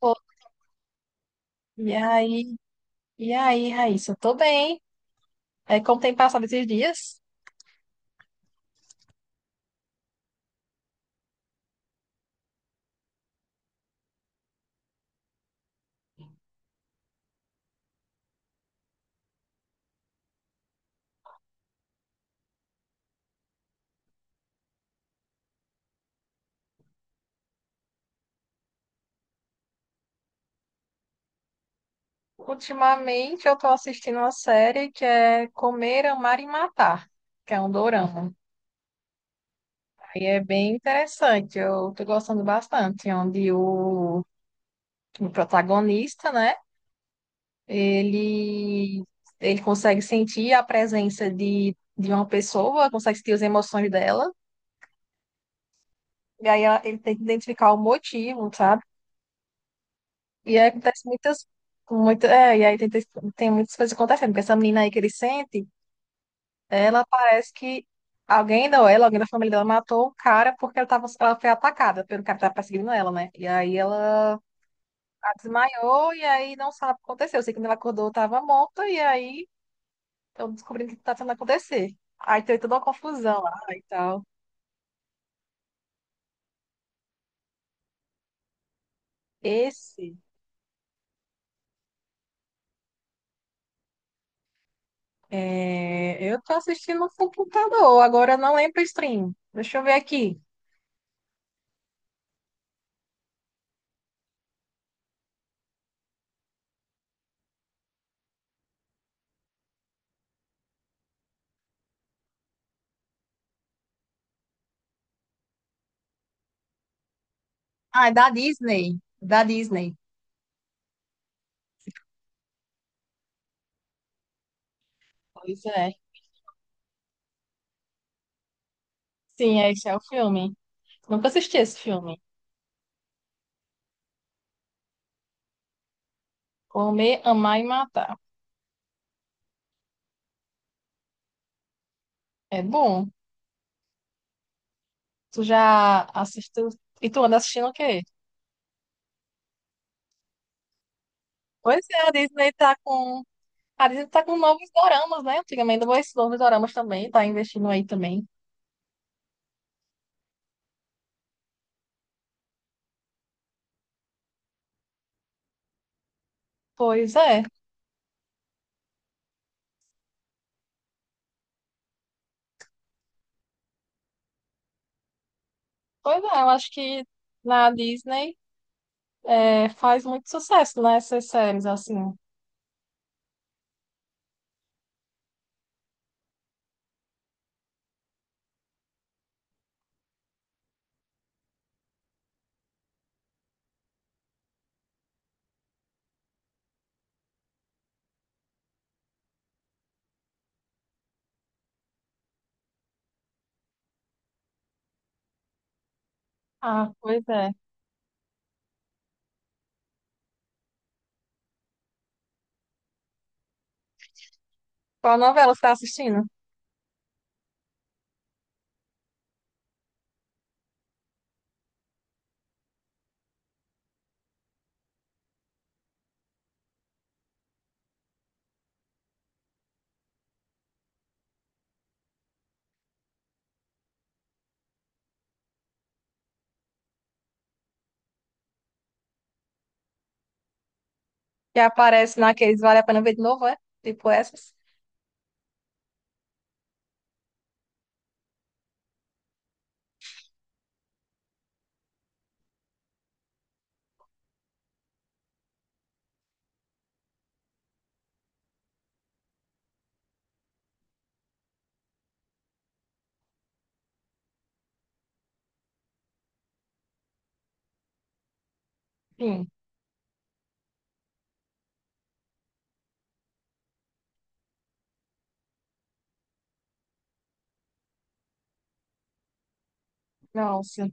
Ô, E aí, e aí, Raíssa? Eu tô bem. É, como tem passado esses dias? Ultimamente eu tô assistindo uma série que é Comer, Amar e Matar, que é um dorama. Aí é bem interessante, eu tô gostando bastante, onde o protagonista, né, ele, ele consegue sentir a presença de uma pessoa, consegue sentir as emoções dela, e aí ele tem que identificar o motivo, sabe? E aí acontece muitas, muita, é, e aí tem muitas coisas acontecendo, porque essa menina aí que ele sente, ela parece que alguém alguém da família dela matou um cara porque ela foi atacada pelo cara que tava perseguindo ela, né? E aí ela desmaiou e aí não sabe o que aconteceu. Eu sei que quando ela acordou, tava morta, e aí estão descobrindo o que tá tentando acontecer. Aí tem toda uma confusão lá e tal. Esse, eu tô assistindo no computador, agora eu não lembro o stream. Deixa eu ver aqui. Ah, é da Disney. Da Disney. Pois é. Sim, é, esse é o filme. Nunca assisti esse filme. Comer, Amar e Matar. É bom. Tu já assistiu? E tu anda assistindo o quê? Pois é, a Disney tá com. A Disney tá com novos doramas, né? Antigamente, esses novos doramas também, tá investindo aí também. Pois é. Pois é, eu acho que na Disney é, faz muito sucesso, né? Essas séries, assim. Ah, pois é. Qual novela você tá assistindo? Que aparece naqueles Vale a Pena Ver de Novo, é? Tipo essas? Sim. Nossa.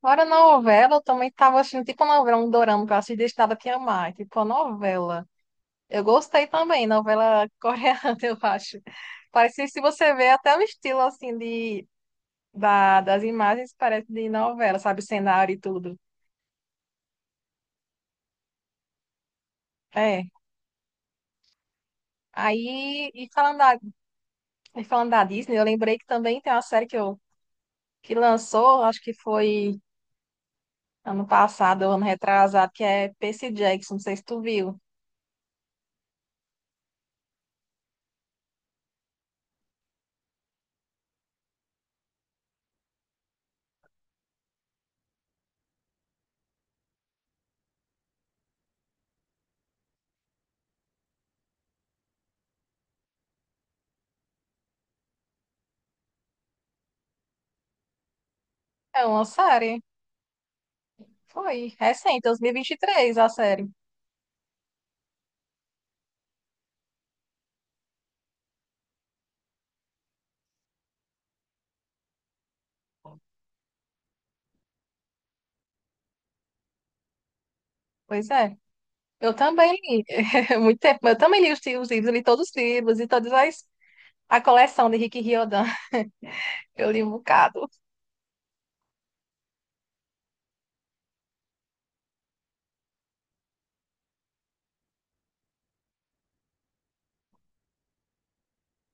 Fora novela, eu também tava assistindo tipo uma novela, um dorama que eu assisti desde nada que amar, tipo a novela. Eu gostei também, novela coreana, eu acho. Parece, se você vê até o estilo, assim, das imagens, parece de novela, sabe? O cenário e tudo. É. Aí, e falando e falando da Disney, eu lembrei que também tem uma série que lançou, acho que foi ano passado, ou ano retrasado, que é Percy Jackson, não sei se tu viu. É uma série. Foi recente, 2023, a série. Pois é. Eu também li. Muito tempo. Mas eu também li os livros, eu li todos os livros e todas as. A coleção de Rick Riordan. Eu li um bocado.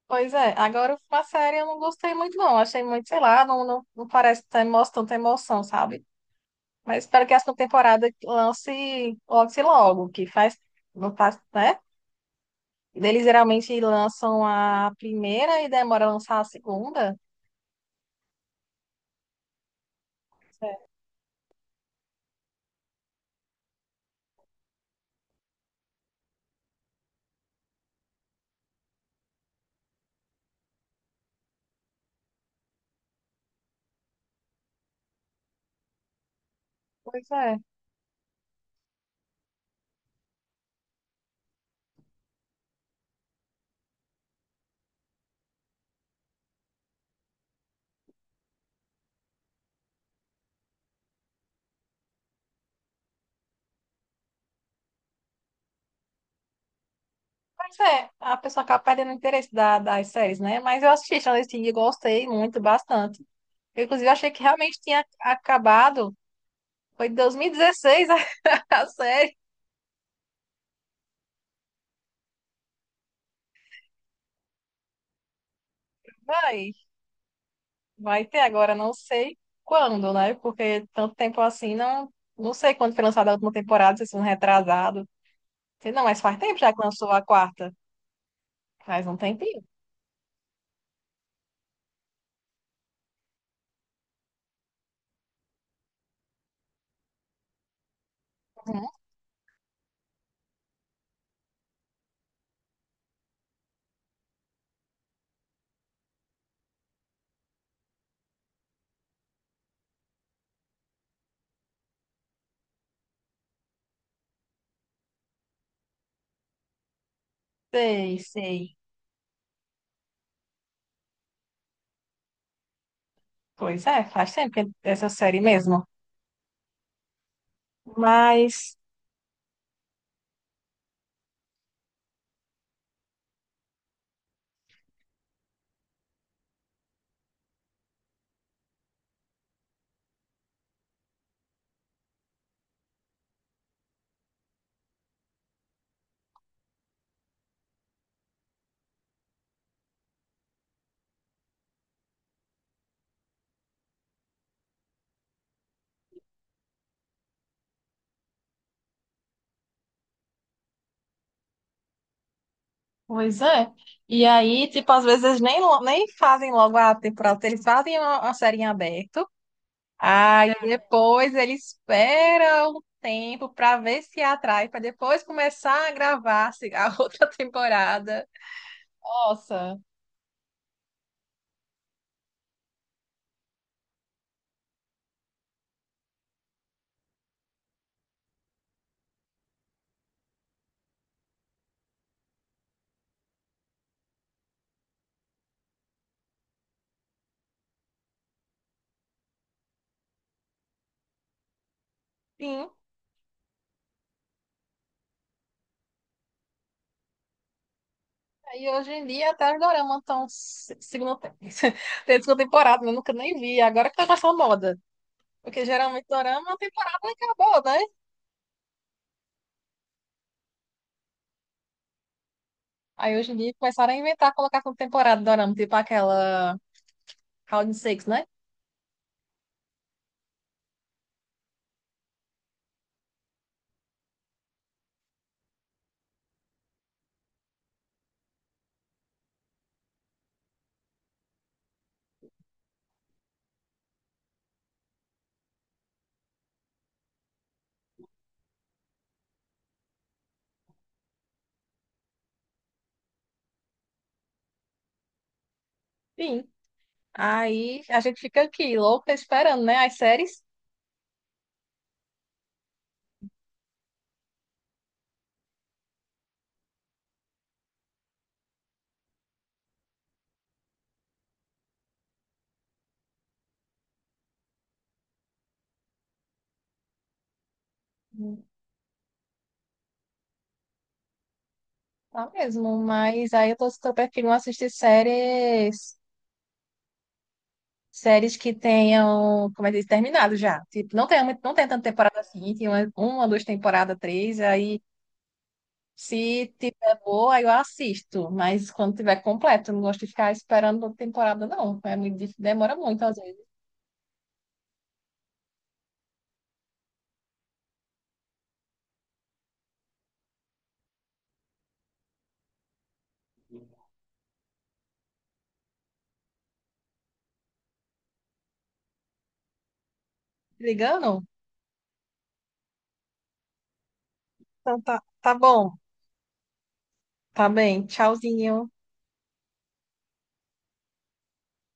Pois é. Agora, uma série eu não gostei muito, não. Achei muito, sei lá, não parece ter emoção, tanta emoção, sabe? Mas espero que a segunda temporada lance logo, que faz. Não faz, né? Eles geralmente lançam a primeira e demora a lançar a segunda. É, pois é. Pois é, a pessoa acaba perdendo o interesse das séries, né? Mas eu assisti Stranger Things e gostei muito, bastante. Eu, inclusive, achei que realmente tinha acabado. Foi de 2016 a a série. Vai, vai ter agora, não sei quando, né? Porque tanto tempo assim, não sei quando foi lançada a última temporada, se foi um retrasado. Sei não, mas faz tempo já que lançou a quarta. Faz um tempinho. Uhum. Sei, sei. Pois é, faz tempo que essa série mesmo. Mas. Pois é. E aí, tipo, às vezes eles nem fazem logo a temporada, eles fazem uma série em aberto, aí é. Depois eles esperam um tempo pra ver se atrai, pra depois começar a gravar a outra temporada. Nossa, sim. Aí hoje em dia até os doramas estão segunda, tem segunda temporada, eu nunca nem vi, agora que tá com essa moda. Porque geralmente dorama, a temporada acabou, né? Aí hoje em dia começaram a inventar, colocar com temporada dorama, tipo aquela. Round Six, né? Sim. Aí a gente fica aqui, louca, esperando, né? As séries. Tá mesmo, mas aí eu tô super preferindo assistir séries. Séries que tenham, como é que diz, terminado já. Tipo, não tem, não tem tanta temporada assim, tem uma, duas temporadas, três, aí se tiver boa, aí eu assisto. Mas quando tiver completo, eu não gosto de ficar esperando outra temporada, não. É muito demora muito, às vezes. Ligando? Então tá, tá bom. Tá bem. Tchauzinho.